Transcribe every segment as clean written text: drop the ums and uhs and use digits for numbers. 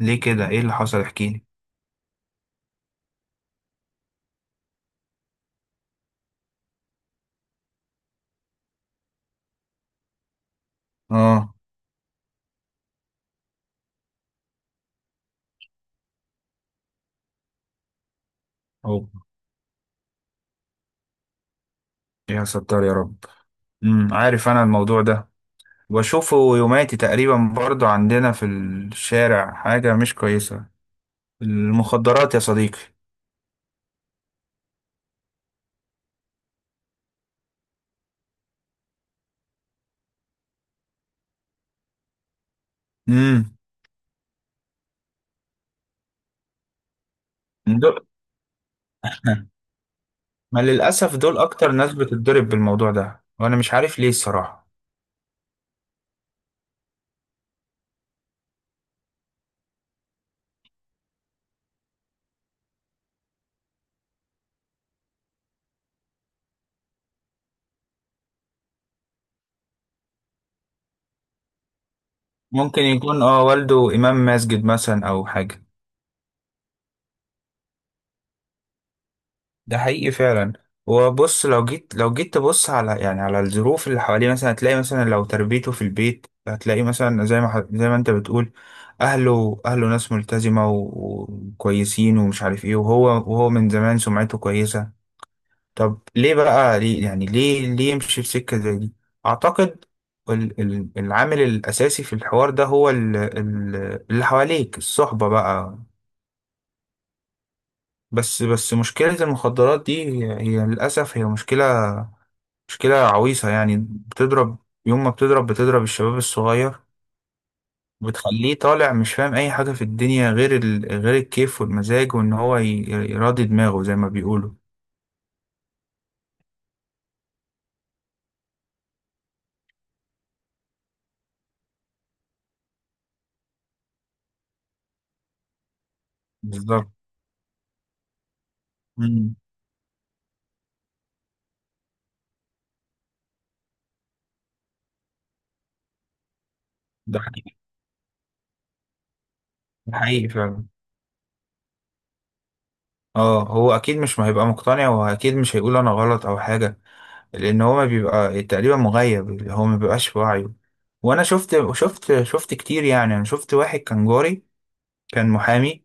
ليه كده؟ ايه اللي حصل؟ احكيلي. اه. اوه. يا ستار يا رب. عارف، انا الموضوع ده بشوفه يوماتي تقريبا، برضو عندنا في الشارع حاجة مش كويسة. المخدرات يا صديقي. امم. دول. ما للأسف دول أكتر ناس بتتضرب بالموضوع ده، وأنا مش عارف ليه الصراحة. ممكن يكون اه، والده إمام مسجد مثلا أو حاجة. ده حقيقي فعلا. وبص، لو جيت تبص على يعني على الظروف اللي حواليه، مثلا هتلاقي، مثلا لو تربيته في البيت، هتلاقي مثلا زي ما انت بتقول، اهله ناس ملتزمة وكويسين ومش عارف ايه، وهو من زمان سمعته كويسة. طب ليه بقى؟ ليه يعني ليه ليه يمشي في سكة زي دي؟ اعتقد العامل الاساسي في الحوار ده هو اللي حواليك، الصحبة بقى. بس مشكلة المخدرات دي، هي للأسف هي مشكلة عويصة يعني، بتضرب، يوم ما بتضرب بتضرب الشباب الصغير، وبتخليه طالع مش فاهم أي حاجة في الدنيا غير الكيف والمزاج، وإن هو يراضي دماغه زي ما بيقولوا. بالظبط. مم. ده حقيقي، ده حقيقي فعلا. اه، هو أكيد مش هيبقى مقتنع، وأكيد مش هيقول أنا غلط أو حاجة، لأن هو ما بيبقى تقريبا مغيب، اللي هو ما بيبقاش في وعيه. وأنا شفت كتير يعني، أنا شفت واحد كان جاري، كان محامي،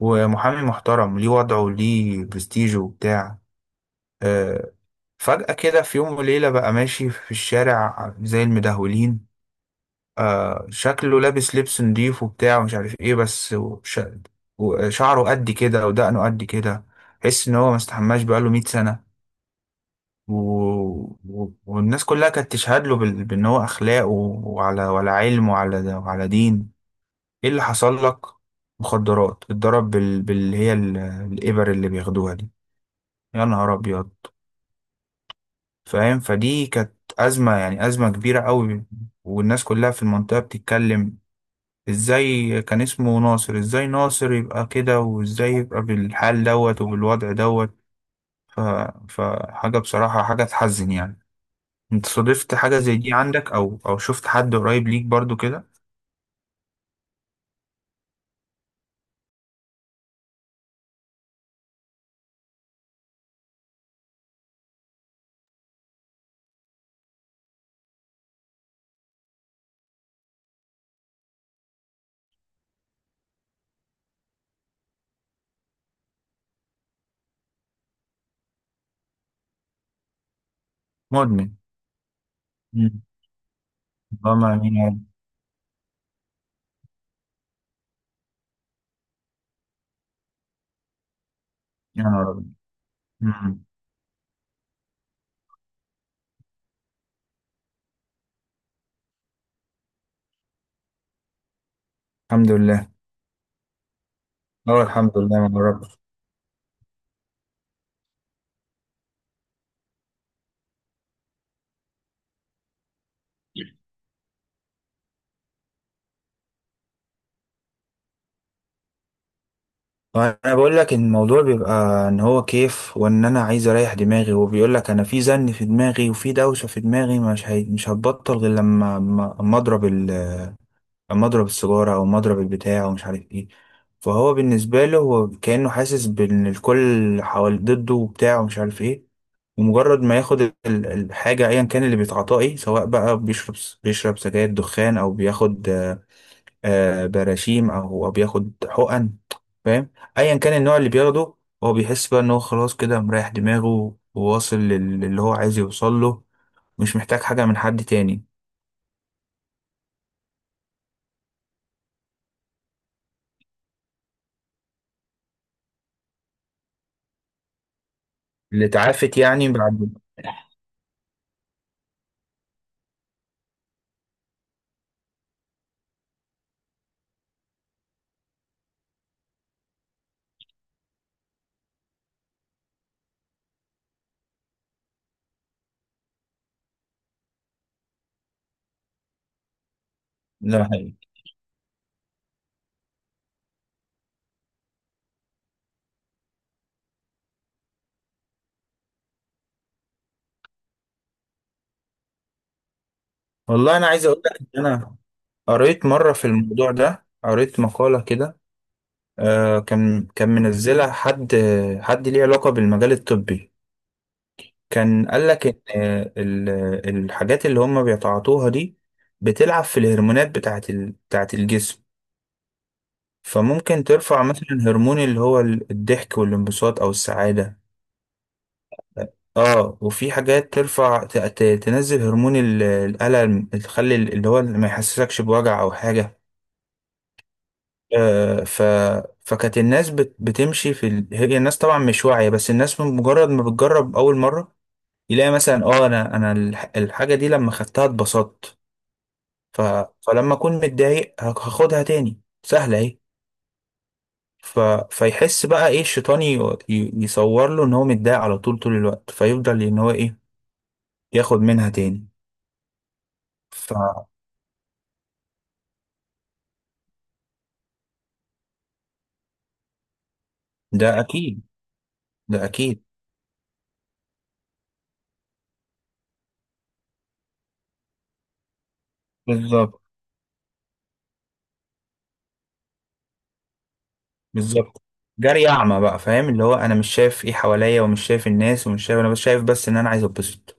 ومحامي محترم، ليه وضعه، ليه برستيجه وبتاع، آه، فجأة كده في يوم وليلة بقى ماشي في الشارع زي المدهولين. شكله لابس لبس نضيف وبتاع ومش عارف ايه، بس وشعره قد كده ودقنه قد كده، تحس ان هو ما استحماش بقاله 100 سنة. و... والناس كلها كانت تشهد له بان هو اخلاق وعلى وعلى علم وعلى دين. ايه اللي حصل لك؟ مخدرات، اتضرب باللي هي الابر اللي بياخدوها دي. يا نهار ابيض. فاهم، فدي كانت أزمة يعني، أزمة كبيرة قوي، والناس كلها في المنطقة بتتكلم، ازاي كان اسمه ناصر؟ ازاي ناصر يبقى كده؟ وازاي يبقى بالحال دوت وبالوضع دوت؟ ف... فحاجة بصراحة، حاجة تحزن يعني. انت صادفت حاجة زي دي عندك، او شفت حد قريب ليك برضو كده؟ مدمن. مم. اللهم امين يا رب. يا نهار أبيض. مم. الحمد لله. اه الحمد لله، ما جربتش. انا بقول لك ان الموضوع بيبقى ان هو كيف، وان انا عايز اريح دماغي، وبيقول لك انا في زن في دماغي، وفي دوشه في دماغي، مش هتبطل غير لما اما اضرب اما اضرب السيجاره، او اما اضرب البتاع ومش عارف ايه. فهو بالنسبه له، هو كانه حاسس بان الكل حوالي ضده وبتاع ومش عارف ايه، ومجرد ما ياخد الحاجه ايا كان اللي بيتعاطاه ايه، سواء بقى بيشرب سجاير دخان، او بياخد براشيم، او بياخد حقن، فاهم، ايا كان النوع اللي بياخده، هو بيحس بقى ان هو خلاص كده مريح دماغه، وواصل للي هو عايز يوصل له، مش محتاج حاجه من حد تاني. اللي اتعافت يعني بعد. لا حقيقي. والله انا عايز اقول لك ان انا قريت مره في الموضوع ده، قريت مقاله كده، آه، كان منزلها حد، حد ليه علاقه بالمجال الطبي، كان قال لك ان ال- الحاجات اللي هم بيتعاطوها دي بتلعب في الهرمونات بتاعت الجسم، فممكن ترفع مثلا هرمون اللي هو الضحك والانبساط او السعادة. اه، وفي حاجات ترفع تنزل هرمون الألم، تخلي اللي هو ما يحسسكش بوجع او حاجة. آه ف فكانت الناس بتمشي في هي الناس طبعا مش واعية، بس الناس من مجرد ما بتجرب اول مرة، يلاقي مثلا اه، الحاجة دي لما خدتها اتبسطت، ف... فلما اكون متضايق هاخدها تاني، سهله اهي. ف... فيحس بقى ايه، الشيطان يصور له ان هو متضايق على طول، طول الوقت، فيفضل ان هو ايه، ياخد منها تاني. فده اكيد، ده اكيد. بالظبط. بالظبط، جري اعمى بقى، فاهم، اللي هو انا مش شايف ايه حواليا، ومش شايف الناس، ومش شايف انا، بس شايف بس ان انا عايز اتبسط.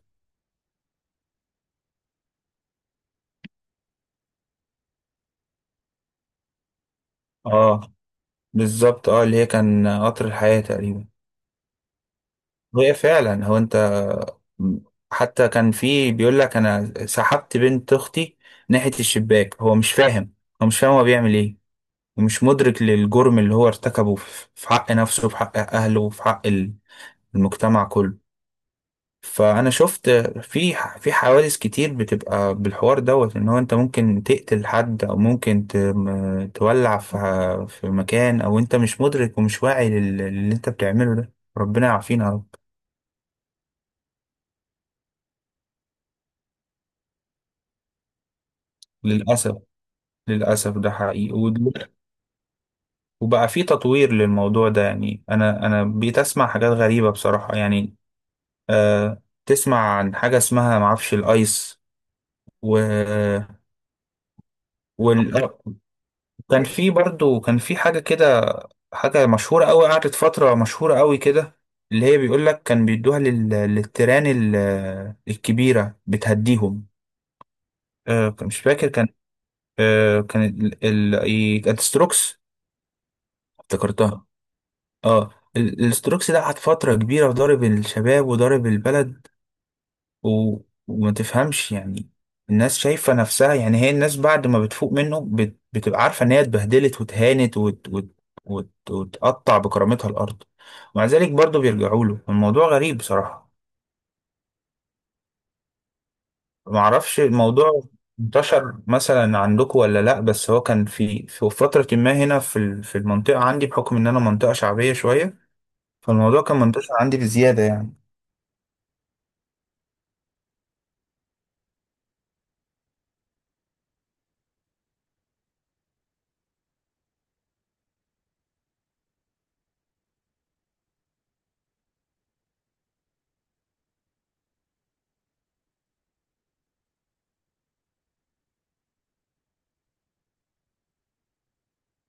اه بالظبط، اه اللي هي كان قطر الحياه تقريبا. هي فعلا، هو انت، حتى كان في بيقول لك انا سحبت بنت اختي ناحية الشباك، هو مش فاهم، هو مش فاهم هو بيعمل ايه، ومش مدرك للجرم اللي هو ارتكبه في في حق نفسه، وفي حق اهله، وفي حق المجتمع كله. فانا شفت في حوادث كتير بتبقى بالحوار دوت، ان هو انت ممكن تقتل حد، او ممكن تولع في مكان، او انت مش مدرك ومش واعي للي انت بتعمله ده. ربنا يعافينا يا رب. للاسف، للأسف ده حقيقي وبقى في تطوير للموضوع ده يعني، أنا بقيت أسمع حاجات غريبة بصراحة يعني. آه، تسمع عن حاجة اسمها معرفش، الأيس. و وال... كان في برضو، كان في حاجة كده، حاجة مشهورة أوي، قعدت فترة مشهورة أوي كده، اللي هي بيقول لك كان بيدوها للتيران الكبيرة، بتهديهم. آه مش فاكر، كان آه، كانت ستروكس. افتكرتها. اه، الاستروكس ده قعد فترة كبيرة ضارب الشباب وضارب البلد، و... وما تفهمش يعني، الناس شايفة نفسها يعني، هي الناس بعد ما بتفوق منه، بتبقى عارفة ان هي اتبهدلت واتهانت، وتقطع بكرامتها الارض، ومع ذلك برضه بيرجعوا له. الموضوع غريب بصراحة. معرفش الموضوع انتشر مثلا عندكم ولا لا، بس هو كان في في فترة ما هنا في المنطقة عندي، بحكم ان انا منطقة شعبية شوية، فالموضوع كان منتشر عندي بزيادة يعني.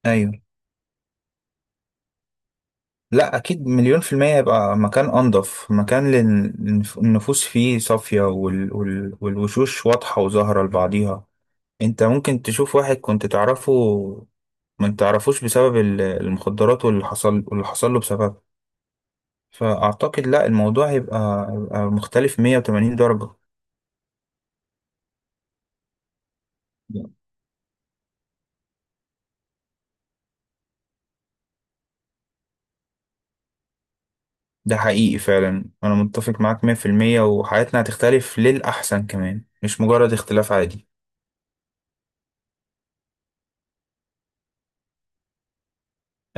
ايوه. لا اكيد، مليون في المية يبقى مكان انضف، مكان النفوس فيه صافية، والوشوش واضحة وظاهرة لبعضيها. انت ممكن تشوف واحد كنت تعرفه، ما تعرفوش بسبب المخدرات، واللي حصل واللي حصل له بسببها. فاعتقد لا، الموضوع هيبقى مختلف 180 درجة. ده حقيقي فعلا، انا متفق معاك 100%، وحياتنا هتختلف للأحسن كمان، مش مجرد اختلاف عادي.